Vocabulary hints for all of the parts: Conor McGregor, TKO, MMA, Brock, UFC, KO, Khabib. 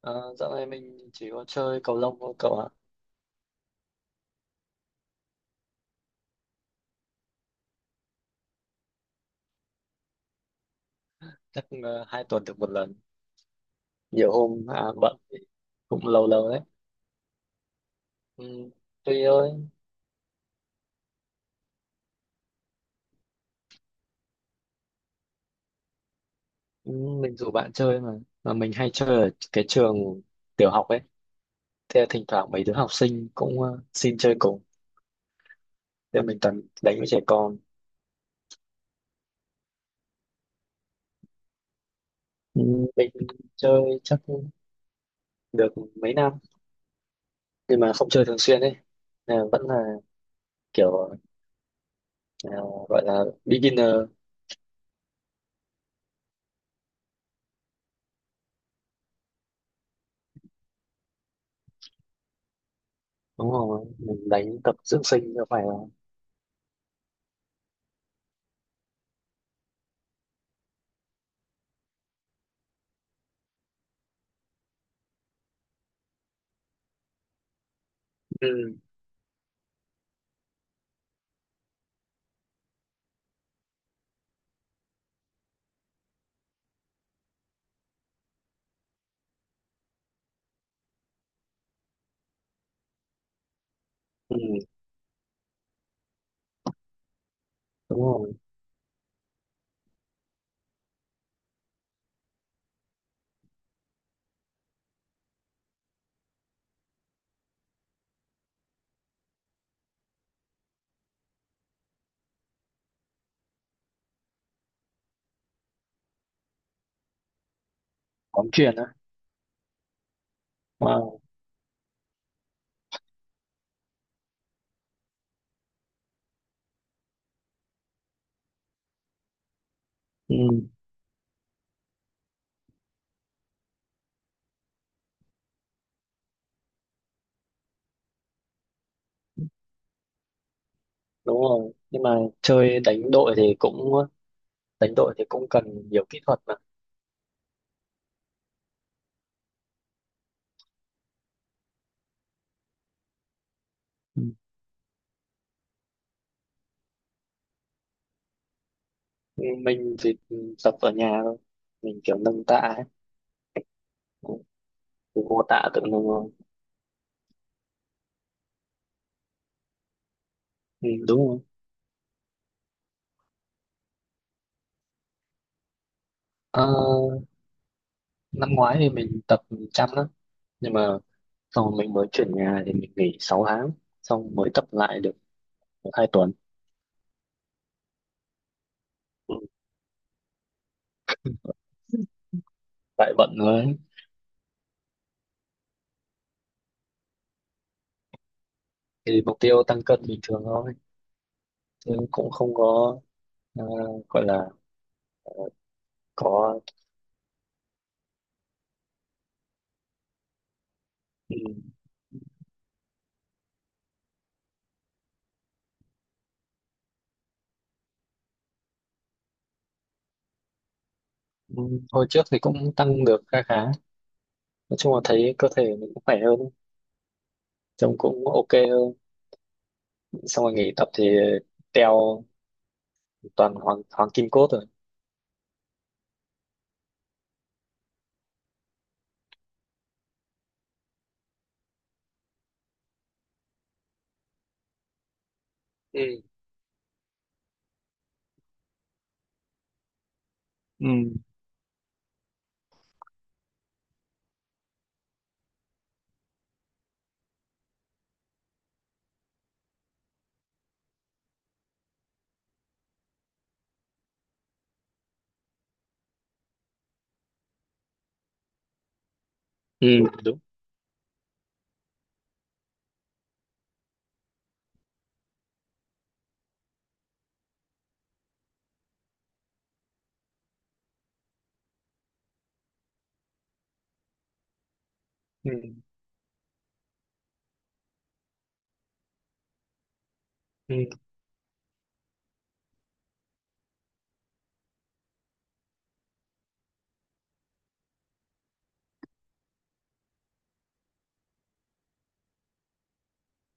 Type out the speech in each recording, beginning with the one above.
Ờ, Dạo này mình chỉ có chơi cầu lông thôi cậu ạ. Chắc hai tuần được một lần. Nhiều hôm à, bận thì cũng lâu lâu đấy. Ừ, tùy ơi, ừ, mình rủ bạn chơi mà. Mà mình hay chơi ở cái trường tiểu học ấy. Thế thỉnh thoảng mấy đứa học sinh cũng xin chơi cùng. Thế mình toàn đánh với trẻ con. Ừ, mình chơi chắc được mấy năm nhưng mà không chơi thường xuyên ấy. Nên là vẫn là kiểu ờ, gọi là beginner đúng không? Mình đánh tập dưỡng sinh cho phải không? Ừ. Ừ. Đúng rồi. Bóng chuyền á. Wow. Ừ, đúng rồi, nhưng mà chơi đánh đội thì cũng đánh đội thì cũng cần nhiều kỹ thuật mà. Ừ, mình thì tập ở nhà thôi, mình kiểu nâng tạ ấy. Cứ vô tạ tự nâng thôi. Ừ, đúng rồi. Ờ, Năm ngoái thì mình tập chăm lắm, nhưng mà sau mình mới chuyển nhà thì mình nghỉ 6 tháng, xong mới tập lại được hai tuần. Ừ, tại bận rồi, thì mục tiêu tăng cân bình thường thôi, chứ cũng không có ờ, gọi là. Có, ừ. Ừ, hồi trước thì cũng tăng được khá khá, nói chung là thấy cơ thể mình cũng khỏe hơn, trông cũng ok hơn. Xong rồi nghỉ tập thì teo, toàn hoàng hoàng kim cốt rồi. Ừ. Ừ. Ừ, đúng. Ừ. Ừ.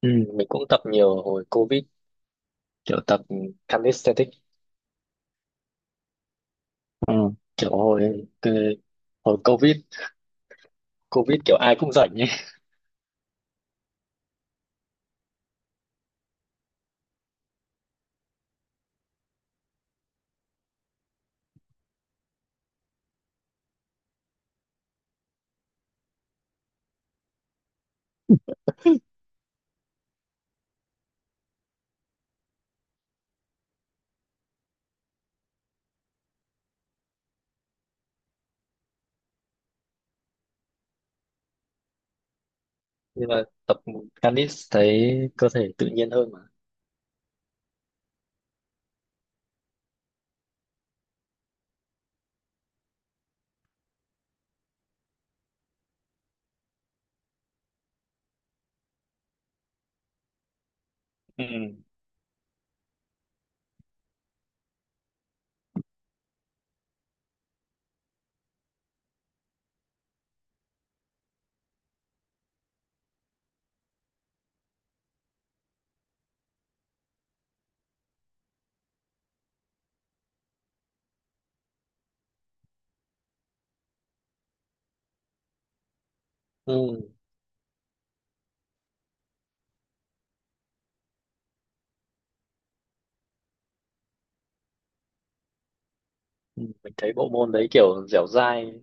Ừ. Mình cũng tập nhiều hồi covid, kiểu tập calisthenics. Ừ. Kiểu hồi covid covid kiểu ai cũng rảnh ấy. Nhưng mà tập calis thấy cơ thể tự nhiên hơn mà. Ừ. Ừ. Ừ, mình thấy bộ môn đấy kiểu dẻo dai,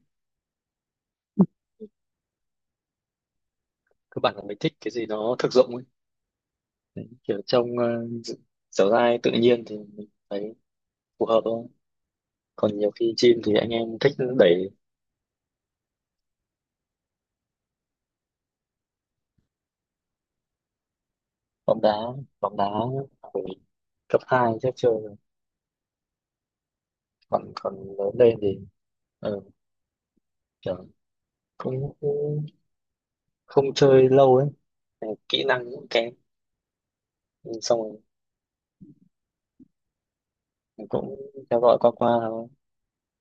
cơ bản là mình thích cái gì nó thực dụng ấy. Đấy, kiểu trong dẻo dai tự nhiên thì mình thấy phù hợp thôi, còn nhiều khi chim thì anh em thích đẩy. Bóng đá, bóng đá hồi cấp 2 chắc chơi rồi. Còn Còn lớn lên thì ờ, kiểu cũng cũng không chơi lâu ấy. Kỹ năng cũng kém. Nhưng xong rồi mình cũng theo dõi qua qua thôi,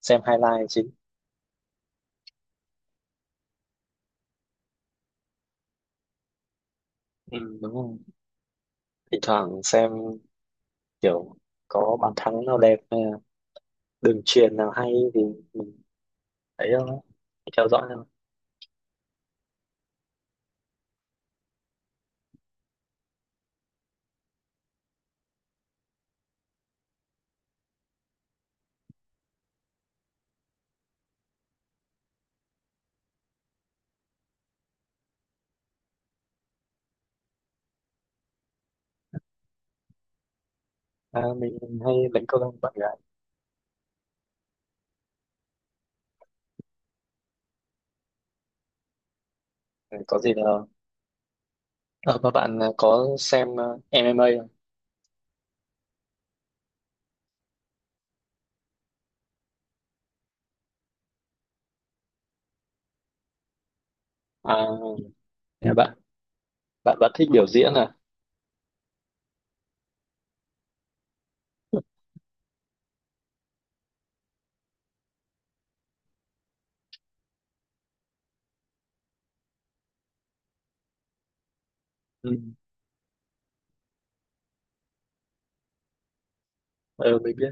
xem highlight chính. Ừ, đúng không. Thỉnh thoảng xem kiểu có bàn thắng nào đẹp hay là đường truyền nào hay thì mình thấy theo dõi thôi. À, mình hay đánh cầu lông với bạn gái. Ừ, có gì là. À, mà bạn có xem MMA không? À, nhà bạn bạn bạn thích biểu diễn à? Ừ. Ừ, mình biết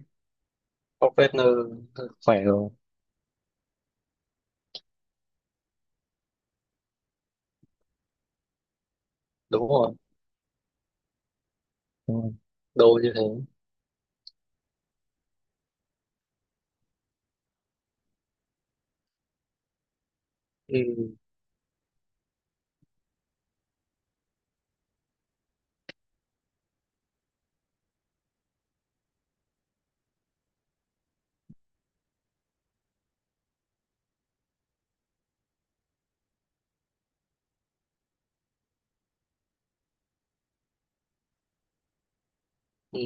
Brock, khỏe rồi. Đúng rồi, đúng rồi. Đồ như thế. Ừ. Ừ.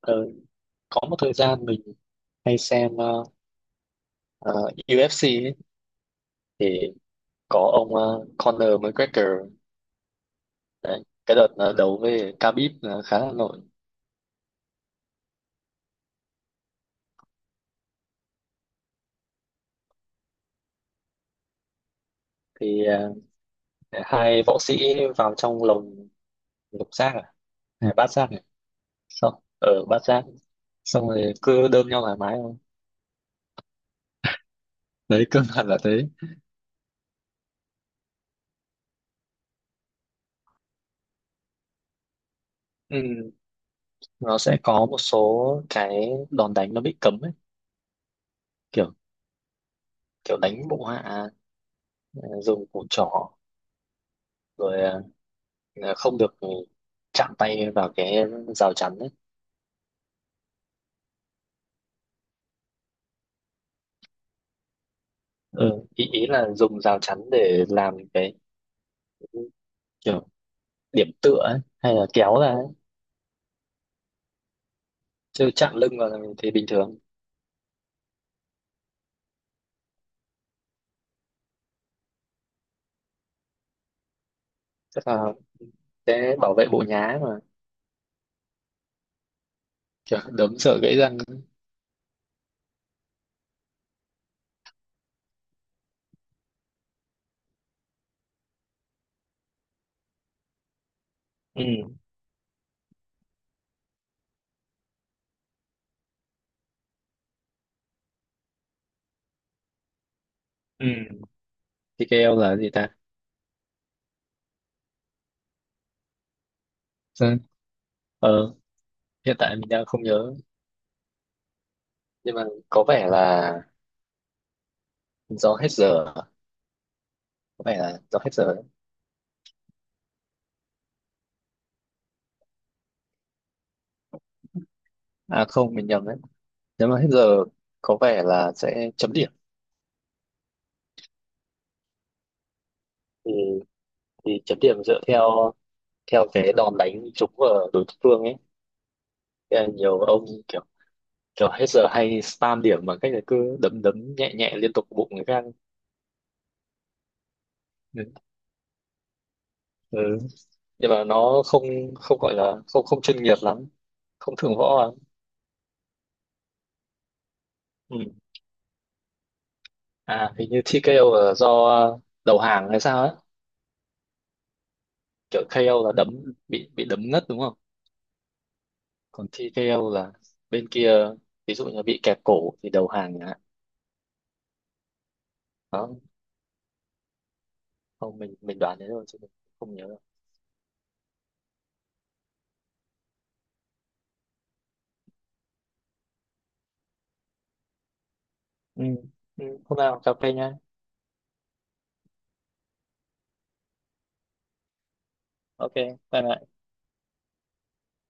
Ờ, có một thời gian mình hay xem ờ, UFC ấy, thì có ông Conor McGregor. Đấy, cái đợt đấu với Khabib là khá là nổi. Thì hai võ sĩ vào trong lồng lục giác à hay bát giác này. Xong ở bát giác, xong rồi cứ đơm nhau thoải mái thôi, đấy cơ bản là thế. Ừ, nó sẽ có một số cái đòn đánh nó bị cấm ấy, kiểu kiểu đánh bộ hạ, dùng củ trỏ, rồi ờ, không được chạm tay vào cái rào chắn ấy. Ừ, ý ý là dùng rào chắn để làm cái kiểu điểm tựa ấy, hay là kéo ra ấy. Chứ chạm lưng vào thì bình thường. Tức là sẽ bảo vệ bộ nhá mà. Kiểu đấm sợ gãy răng. Ừ, ừ. TKL là gì ta? Dạ. ờ Hiện tại mình đang không nhớ, nhưng mà có vẻ là do hết giờ. Có vẻ là do hết giờ đấy. À không, mình nhầm đấy. Nếu mà hết giờ có vẻ là sẽ chấm điểm. Thì, chấm điểm dựa theo theo cái đòn đánh trúng vào đối phương ấy. Thế là nhiều ông kiểu kiểu hết giờ hay spam điểm bằng cách là cứ đấm đấm nhẹ nhẹ liên tục bụng người khác. Ừ. Ừ. Nhưng mà nó không không gọi là không không chuyên nghiệp lắm, không thượng võ lắm. Ừ. À, hình như TKO là do đầu hàng hay sao ấy. Kiểu KO là đấm bị đấm ngất đúng không? Còn TKO là bên kia ví dụ như bị kẹp cổ thì đầu hàng chẳng hạn. Đó, không mình đoán thế thôi chứ mình không nhớ đâu. Ừ. Ừ, hôm nào cà phê nhá. Ok, bye bye.